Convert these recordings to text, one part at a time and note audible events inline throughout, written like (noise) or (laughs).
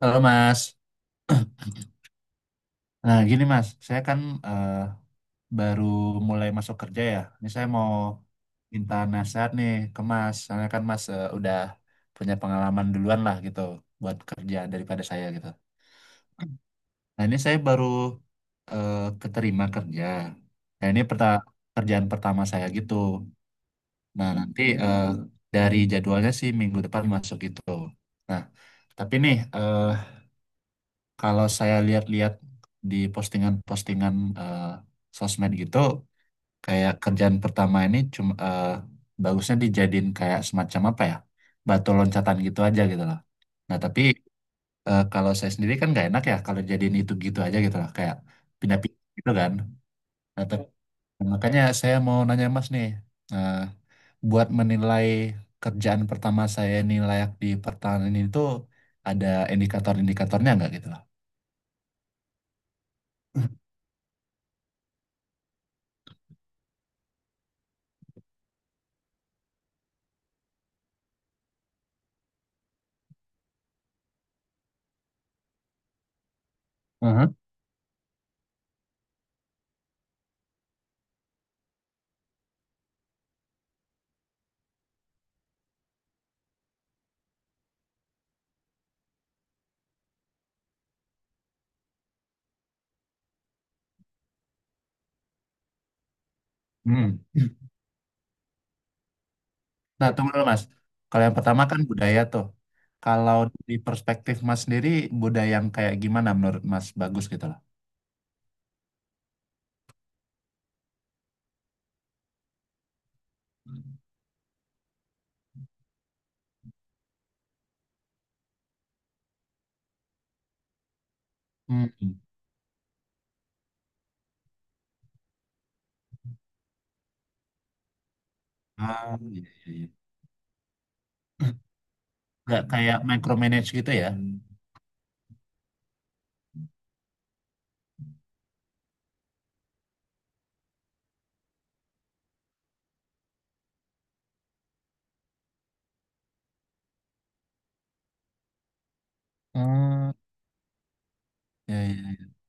Halo Mas. (clears throat) Nah gini Mas, saya kan eh, baru mulai masuk kerja ya. Ini saya mau minta nasihat nih ke Mas. Soalnya kan Mas udah punya pengalaman duluan lah gitu buat kerja daripada saya gitu. Nah ini saya baru eh, keterima kerja. Nah ini kerjaan pertama saya gitu. Nah nanti dari jadwalnya sih minggu depan masuk gitu. Nah tapi nih kalau saya lihat-lihat di postingan-postingan eh, sosmed gitu, kayak kerjaan pertama ini cuma bagusnya dijadiin kayak semacam apa ya, batu loncatan gitu aja gitu loh. Nah tapi kalau saya sendiri kan nggak enak ya kalau jadiin itu gitu aja gitu loh, kayak pindah-pindah gitu kan. Nah, tapi- Makanya saya mau nanya Mas nih, eh, buat menilai kerjaan pertama saya ini layak di pertahanan itu ada indikator-indikatornya nggak gitu loh? (laughs) Hmm. Nah, tunggu dulu Mas. Kalau yang pertama kan budaya tuh. Kalau di perspektif Mas sendiri, budaya yang kayak gimana menurut Mas bagus gitu loh? Hmm. Ah, iya, iya, iya. (clears throat) Nggak kayak micromanage gitu ya? Hmm. Iya, iya, iya.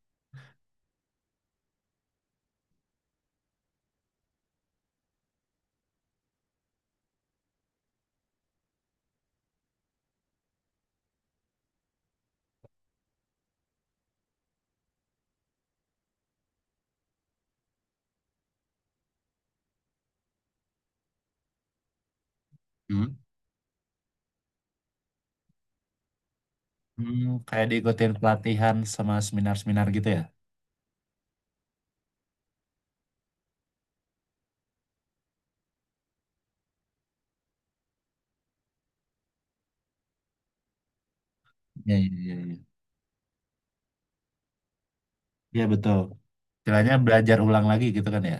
Hmm. Hmm, kayak diikutin pelatihan sama seminar-seminar gitu ya? Iya, iya, iya. Iya, iya, betul. Istilahnya belajar ulang lagi gitu kan ya?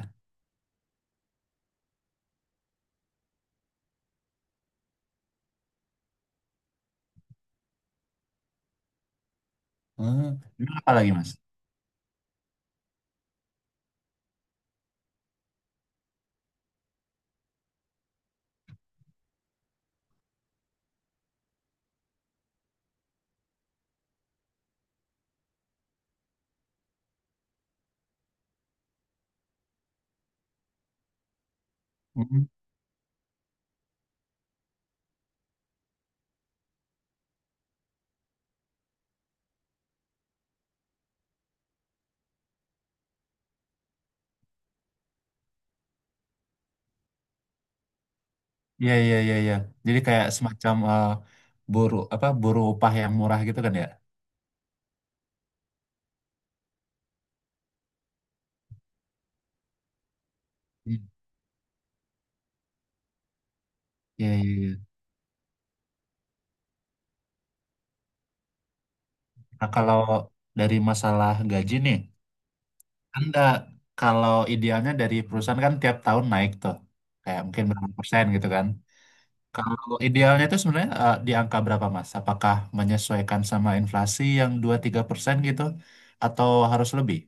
Hmm. Ini apa lagi Mas? Iya iya iya iya. Jadi kayak semacam buruh apa buruh upah yang murah gitu kan ya? Hmm. Iya iya iya. Nah kalau dari masalah gaji nih, Anda kalau idealnya dari perusahaan kan tiap tahun naik tuh, kayak mungkin berapa persen gitu kan? Kalau idealnya itu sebenarnya di angka berapa Mas? Apakah menyesuaikan sama inflasi yang 2-3% gitu, atau harus lebih?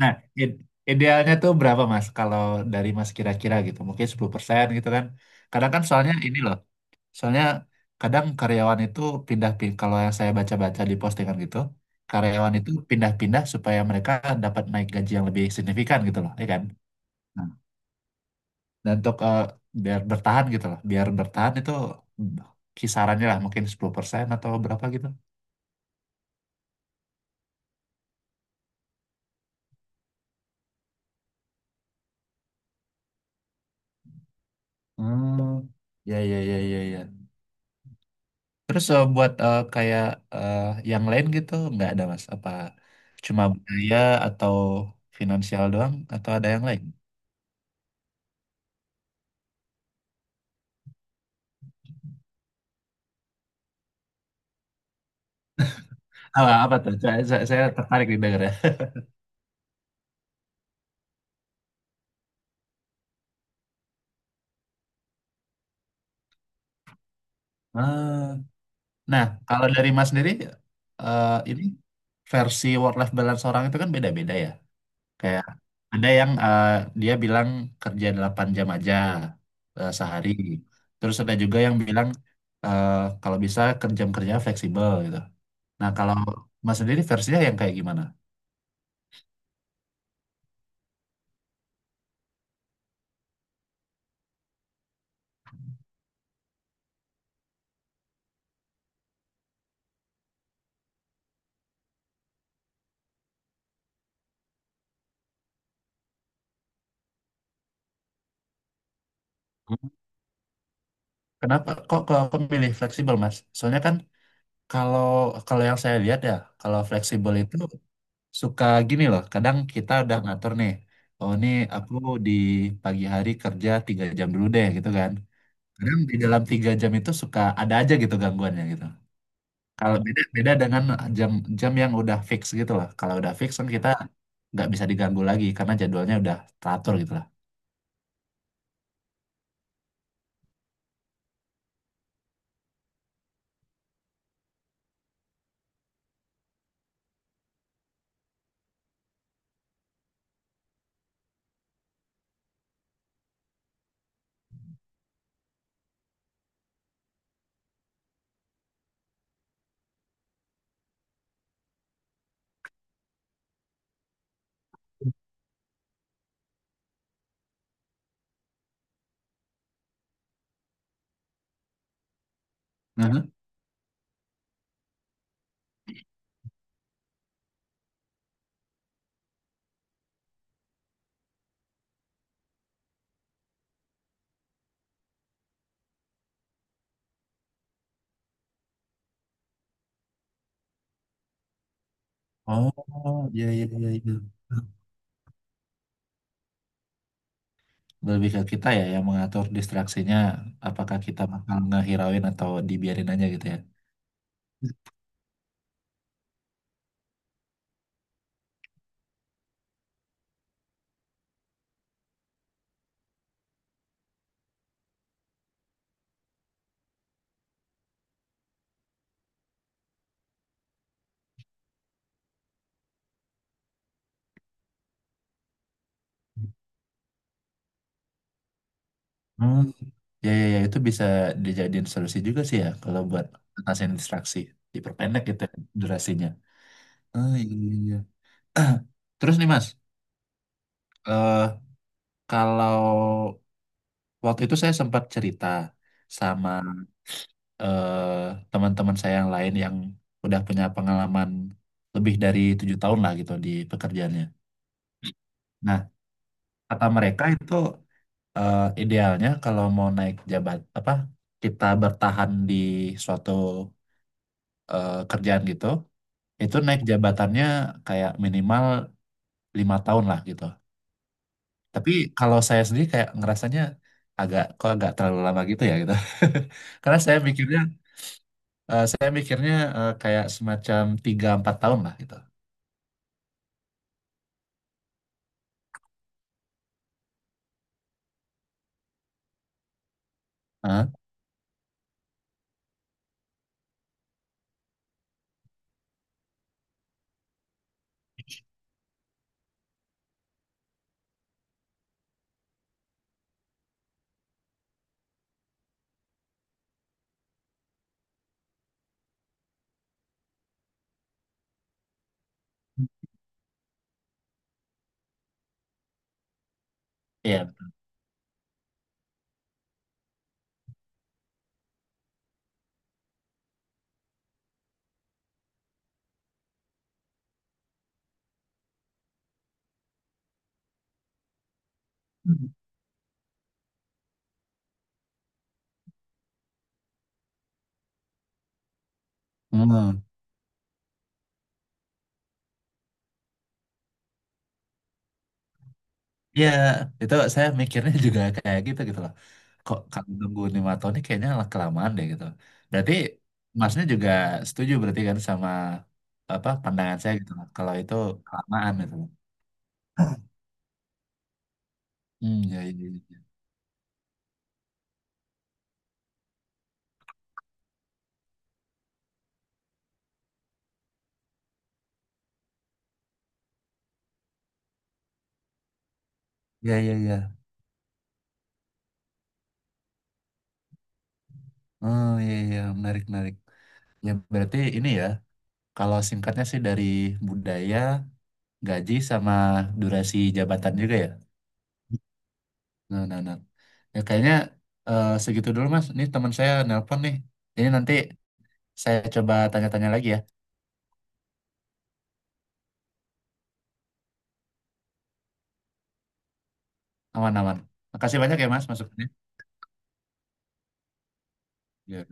Nah, id- idealnya tuh berapa Mas? Kalau dari Mas kira-kira gitu, mungkin 10% gitu kan. Kadang kan soalnya ini loh, soalnya kadang karyawan itu pindah-pindah, kalau yang saya baca-baca di postingan gitu, karyawan itu pindah-pindah supaya mereka dapat naik gaji yang lebih signifikan gitu loh, ya kan? Nah, dan untuk biar bertahan gitu loh, biar bertahan itu mm, kisarannya lah mungkin 10% atau berapa gitu. Hmm, ya ya ya ya ya. Terus buat kayak eh, yang lain gitu nggak ada mas? Apa cuma budaya atau finansial doang atau ada yang lain? Apa, apa tuh? Saya tertarik nih dengar ya. Ah, nah kalau dari mas sendiri ini versi work life balance orang itu kan beda-beda ya. Kayak ada yang dia bilang kerja 8 jam aja sehari. Terus ada juga yang bilang eh, kalau bisa kerja-kerja fleksibel gitu. Nah, kalau Mas sendiri versinya yang kayak gimana? Kenapa kok kok kok milih fleksibel, Mas? Soalnya kan kalau kalau yang saya lihat ya, kalau fleksibel itu suka gini loh. Kadang kita udah ngatur nih, oh ini aku di pagi hari kerja 3 jam dulu deh gitu kan. Kadang di dalam 3 jam itu suka ada aja gitu gangguannya gitu. Kalau beda beda dengan jam jam yang udah fix gitu loh. Kalau udah fix kan kita nggak bisa diganggu lagi karena jadwalnya udah teratur gitu lah. Mhm. Oh, iya iya iya, iya. Lebih ke kita ya yang mengatur distraksinya apakah kita bakal ngehirauin atau dibiarin aja gitu ya. Hmm. Ya ya ya itu bisa dijadiin solusi juga sih ya kalau buat ngatasin distraksi diperpendek gitu ya durasinya. Ah iya iya iya. (clears throat) Terus nih mas eh kalau waktu itu saya sempat cerita sama eh teman-teman saya yang lain yang udah punya pengalaman lebih dari 7 tahun lah gitu di pekerjaannya. Nah kata mereka itu idealnya kalau mau naik jabat apa kita bertahan di suatu kerjaan gitu itu naik jabatannya kayak minimal 5 tahun lah gitu. Tapi kalau saya sendiri kayak ngerasanya agak kok agak terlalu lama gitu ya gitu. (laughs) Karena saya mikirnya eh, saya mikirnya kayak semacam 3-4 tahun lah gitu. Hah? Iya. Hmm. Iya, itu saya mikirnya juga kayak gitu gitu loh. Kok kalau tunggu 5 tahun ini kayaknya lah kelamaan deh gitu. Berarti masnya juga setuju berarti kan sama apa pandangan saya gitu loh. Kalau itu kelamaan gitu loh. Hmm, ya, ya, ya, ya, ya. Ya, ya. Oh, ya, ya, ya. Menarik, menarik. Ya, berarti ini ya, kalau singkatnya sih dari budaya, gaji sama durasi jabatan juga ya. Nah, nah, nah. Ya, kayaknya segitu dulu, Mas. Ini teman saya nelpon nih. Ini nanti saya coba tanya-tanya lagi ya. Aman-aman. Makasih banyak ya Mas masukannya. Ya.